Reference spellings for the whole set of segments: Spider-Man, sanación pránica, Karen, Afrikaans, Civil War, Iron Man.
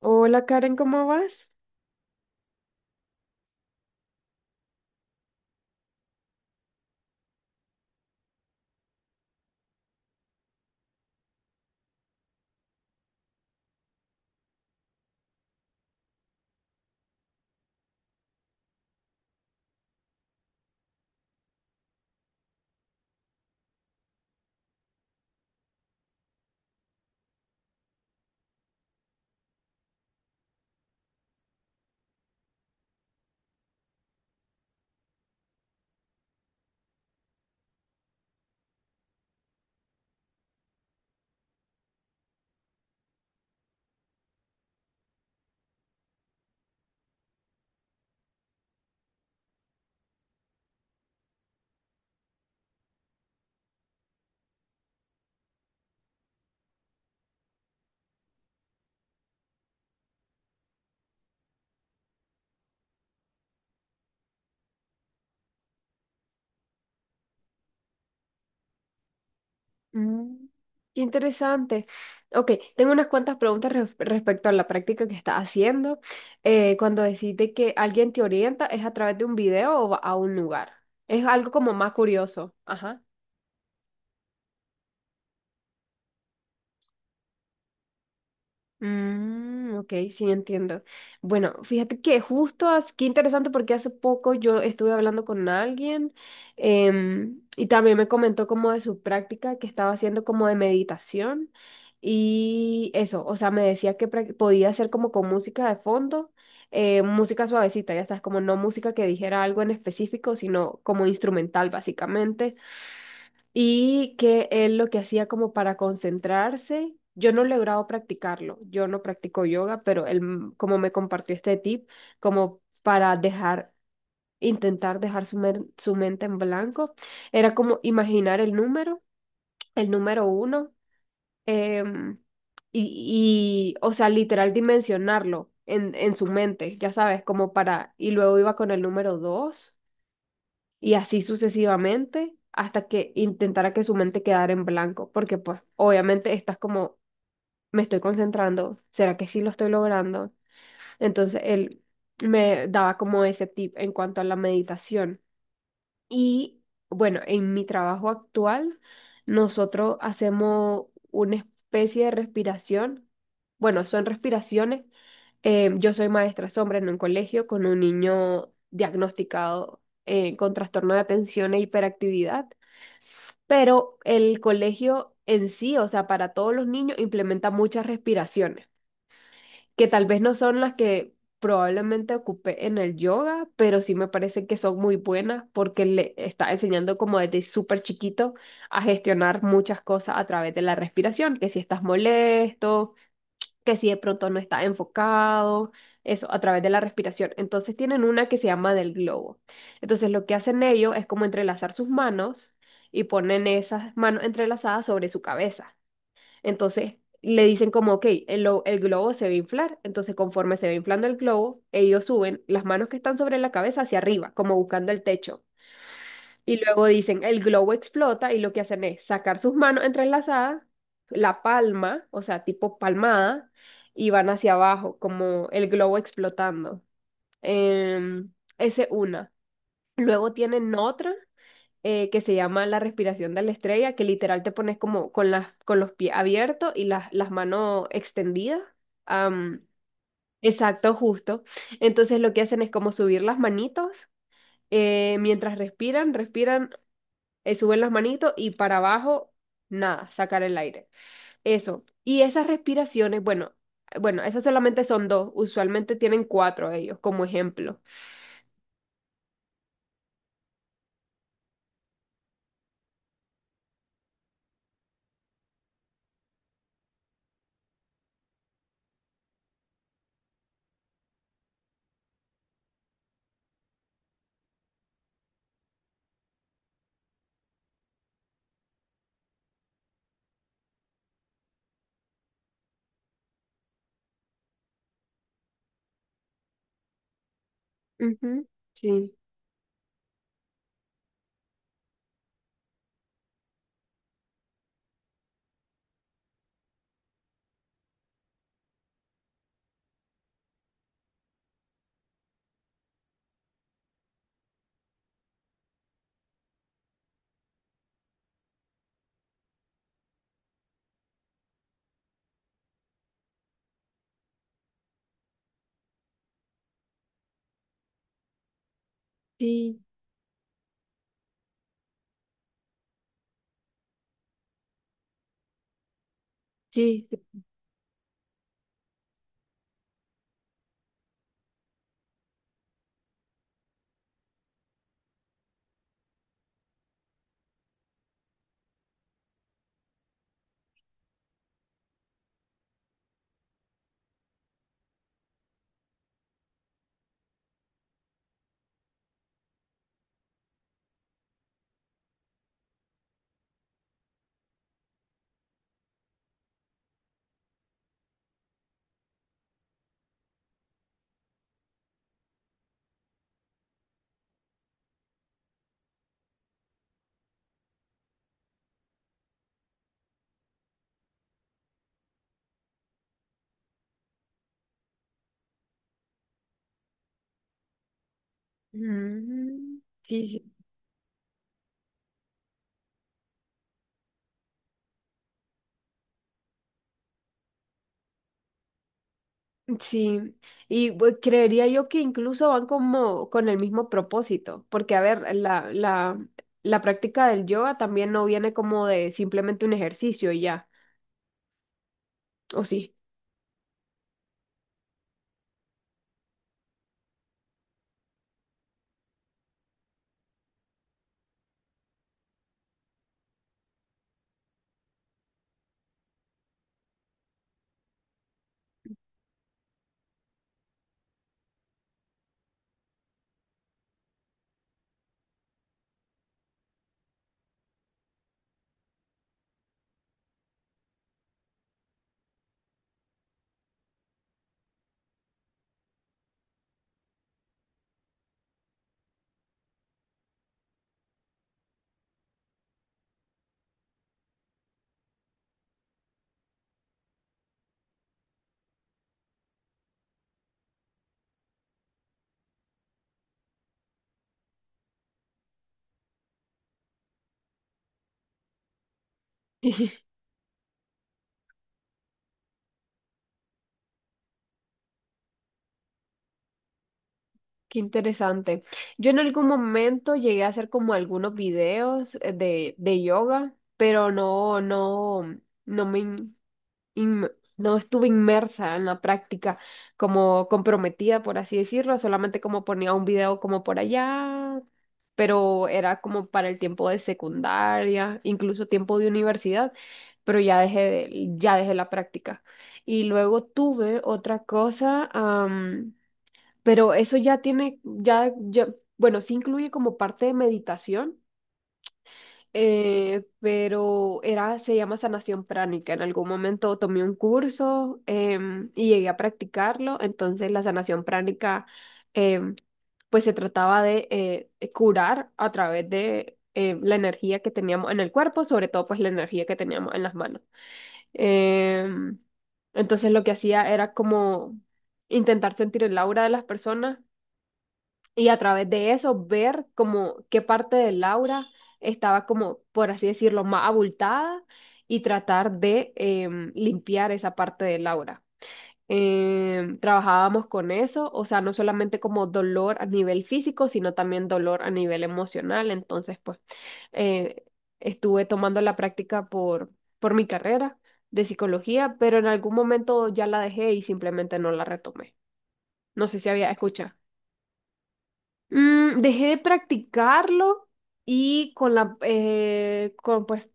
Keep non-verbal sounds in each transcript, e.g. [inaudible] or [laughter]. Hola Karen, ¿cómo vas? Mm. Qué interesante. Ok, tengo unas cuantas preguntas respecto a la práctica que estás haciendo. Cuando decís que alguien te orienta, ¿es a través de un video o va a un lugar? Es algo como más curioso. Ajá. Mm, ok, sí, entiendo. Bueno, fíjate que justo, qué interesante porque hace poco yo estuve hablando con alguien y también me comentó como de su práctica que estaba haciendo como de meditación y eso, o sea, me decía que podía hacer como con música de fondo, música suavecita, ya sabes, como no música que dijera algo en específico, sino como instrumental básicamente y que él lo que hacía como para concentrarse, yo no he logrado practicarlo, yo no practico yoga, pero él como me compartió este tip, como para dejar, intentar dejar su mente en blanco, era como imaginar el número uno, em, y, o sea, literal dimensionarlo en su mente, ya sabes, como para, y luego iba con el número dos y así sucesivamente hasta que intentara que su mente quedara en blanco, porque pues obviamente estás como, me estoy concentrando, ¿será que sí lo estoy logrando? Entonces él me daba como ese tip en cuanto a la meditación. Y bueno, en mi trabajo actual, nosotros hacemos una especie de respiración. Bueno, son respiraciones. Yo soy maestra sombra en un colegio con un niño diagnosticado con trastorno de atención e hiperactividad, pero el colegio en sí, o sea, para todos los niños, implementa muchas respiraciones que tal vez no son las que probablemente ocupé en el yoga, pero sí me parece que son muy buenas porque le está enseñando como desde súper chiquito a gestionar muchas cosas a través de la respiración, que si estás molesto, que si de pronto no estás enfocado, eso a través de la respiración. Entonces tienen una que se llama del globo. Entonces lo que hacen ellos es como entrelazar sus manos y ponen esas manos entrelazadas sobre su cabeza. Entonces le dicen como, ok, el, el globo se va a inflar. Entonces conforme se va inflando el globo, ellos suben las manos que están sobre la cabeza hacia arriba, como buscando el techo. Y luego dicen, el globo explota y lo que hacen es sacar sus manos entrelazadas, la palma, o sea, tipo palmada, y van hacia abajo, como el globo explotando. Em, esa es una. Luego tienen otra que se llama la respiración de la estrella, que literal te pones como con las, con los pies abiertos y las manos extendidas. Am, exacto, justo. Entonces lo que hacen es como subir las manitos, mientras respiran, respiran, suben las manitos y para abajo, nada, sacar el aire. Eso. Y esas respiraciones, bueno, bueno, esas solamente son dos, usualmente tienen cuatro ellos como ejemplo. Ujú. Sí, sí, sí. Ujú. Sí. Sí, y creería yo que incluso van como con el mismo propósito, porque a ver, la, la práctica del yoga también no viene como de simplemente un ejercicio y ya, ¿o sí? [laughs] Qué interesante. Yo en algún momento llegué a hacer como algunos videos de yoga, pero no, no, no me, inme- no estuve inmersa en la práctica, como comprometida, por así decirlo, solamente como ponía un video como por allá, pero era como para el tiempo de secundaria, incluso tiempo de universidad, pero ya dejé, ya dejé la práctica. Y luego tuve otra cosa, pero eso ya tiene, ya, ya, bueno, sí incluye como parte de meditación pero era, se llama sanación pránica. En algún momento tomé un curso y llegué a practicarlo. Entonces la sanación pránica em, pues se trataba de curar a través de la energía que teníamos en el cuerpo, sobre todo pues la energía que teníamos en las manos. Em, entonces lo que hacía era como intentar sentir el aura de las personas y a través de eso ver como qué parte de Laura estaba como, por así decirlo, más abultada y tratar de limpiar esa parte de Laura. Trabajábamos con eso, o sea, no solamente como dolor a nivel físico, sino también dolor a nivel emocional. Entonces, pues, eh, estuve tomando la práctica por mi carrera de psicología, pero en algún momento ya la dejé y simplemente no la retomé. No sé si había escuchado. Dejé de practicarlo y con la, con, pues,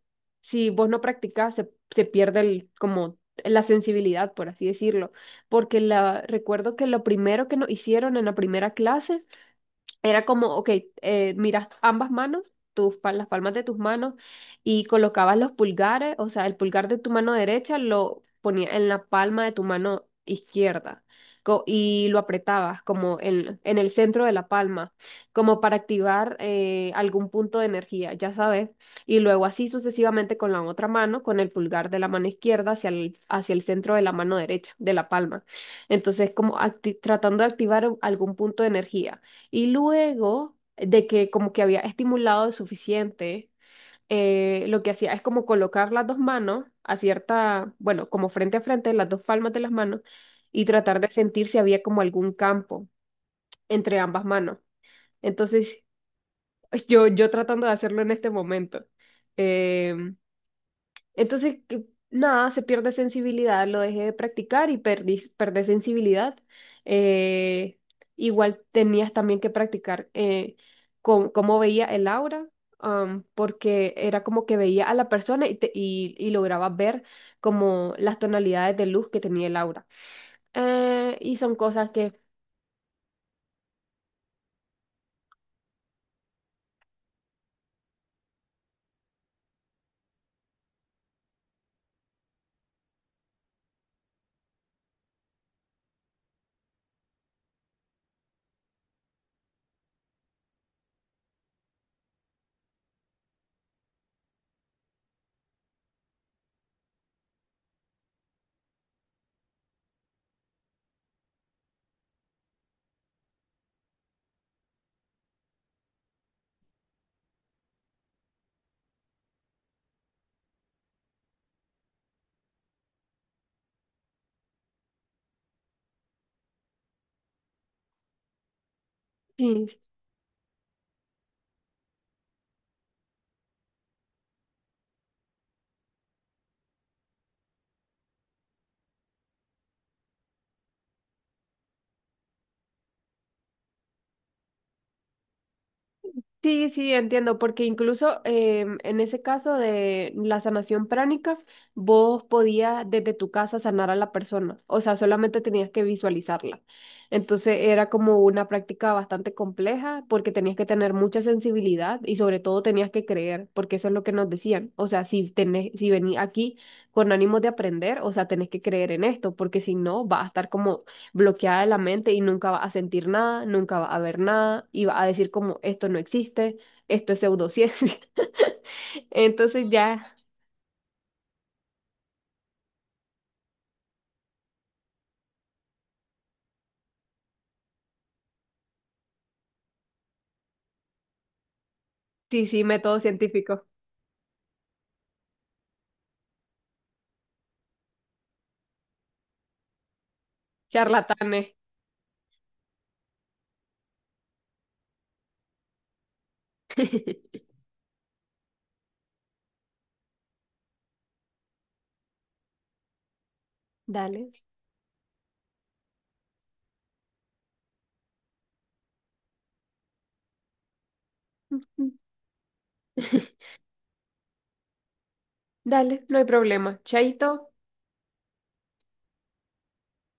si vos no practicas, se pierde el, como la sensibilidad, por así decirlo, porque la, recuerdo que lo primero que nos hicieron en la primera clase era como, ok, miras ambas manos, tus, las palmas de tus manos, y colocabas los pulgares, o sea, el pulgar de tu mano derecha lo ponía en la palma de tu mano izquierda y lo apretabas como en el centro de la palma, como para activar algún punto de energía, ya sabes, y luego así sucesivamente con la otra mano, con el pulgar de la mano izquierda hacia el centro de la mano derecha, de la palma. Entonces, como tratando de activar algún punto de energía. Y luego de que como que había estimulado suficiente, lo que hacía es como colocar las dos manos a cierta, bueno, como frente a frente, las dos palmas de las manos, y tratar de sentir si había como algún campo entre ambas manos. Entonces, [laughs] yo tratando de hacerlo en este momento. em, entonces, nada, se pierde sensibilidad, lo dejé de practicar y perdí, perdí sensibilidad. Eh, igual tenías también que practicar cómo veía el aura, porque era como que veía a la persona y, y lograba ver como las tonalidades de luz que tenía el aura. Y son cosas que, sí. Sí, sí, entiendo, porque incluso en ese caso de la sanación pránica, vos podías desde tu casa sanar a la persona, o sea, solamente tenías que visualizarla. Entonces era como una práctica bastante compleja porque tenías que tener mucha sensibilidad y sobre todo tenías que creer, porque eso es lo que nos decían. O sea, si tenés, si venís aquí con ánimo de aprender, o sea, tenés que creer en esto, porque si no, vas a estar como bloqueada de la mente y nunca vas a sentir nada, nunca vas a ver nada y vas a decir como esto no existe, esto es pseudociencia. [laughs] Entonces ya, sí, sí, método científico, charlatanes. [laughs] Dale. [laughs] Dale, no hay problema. Chaito.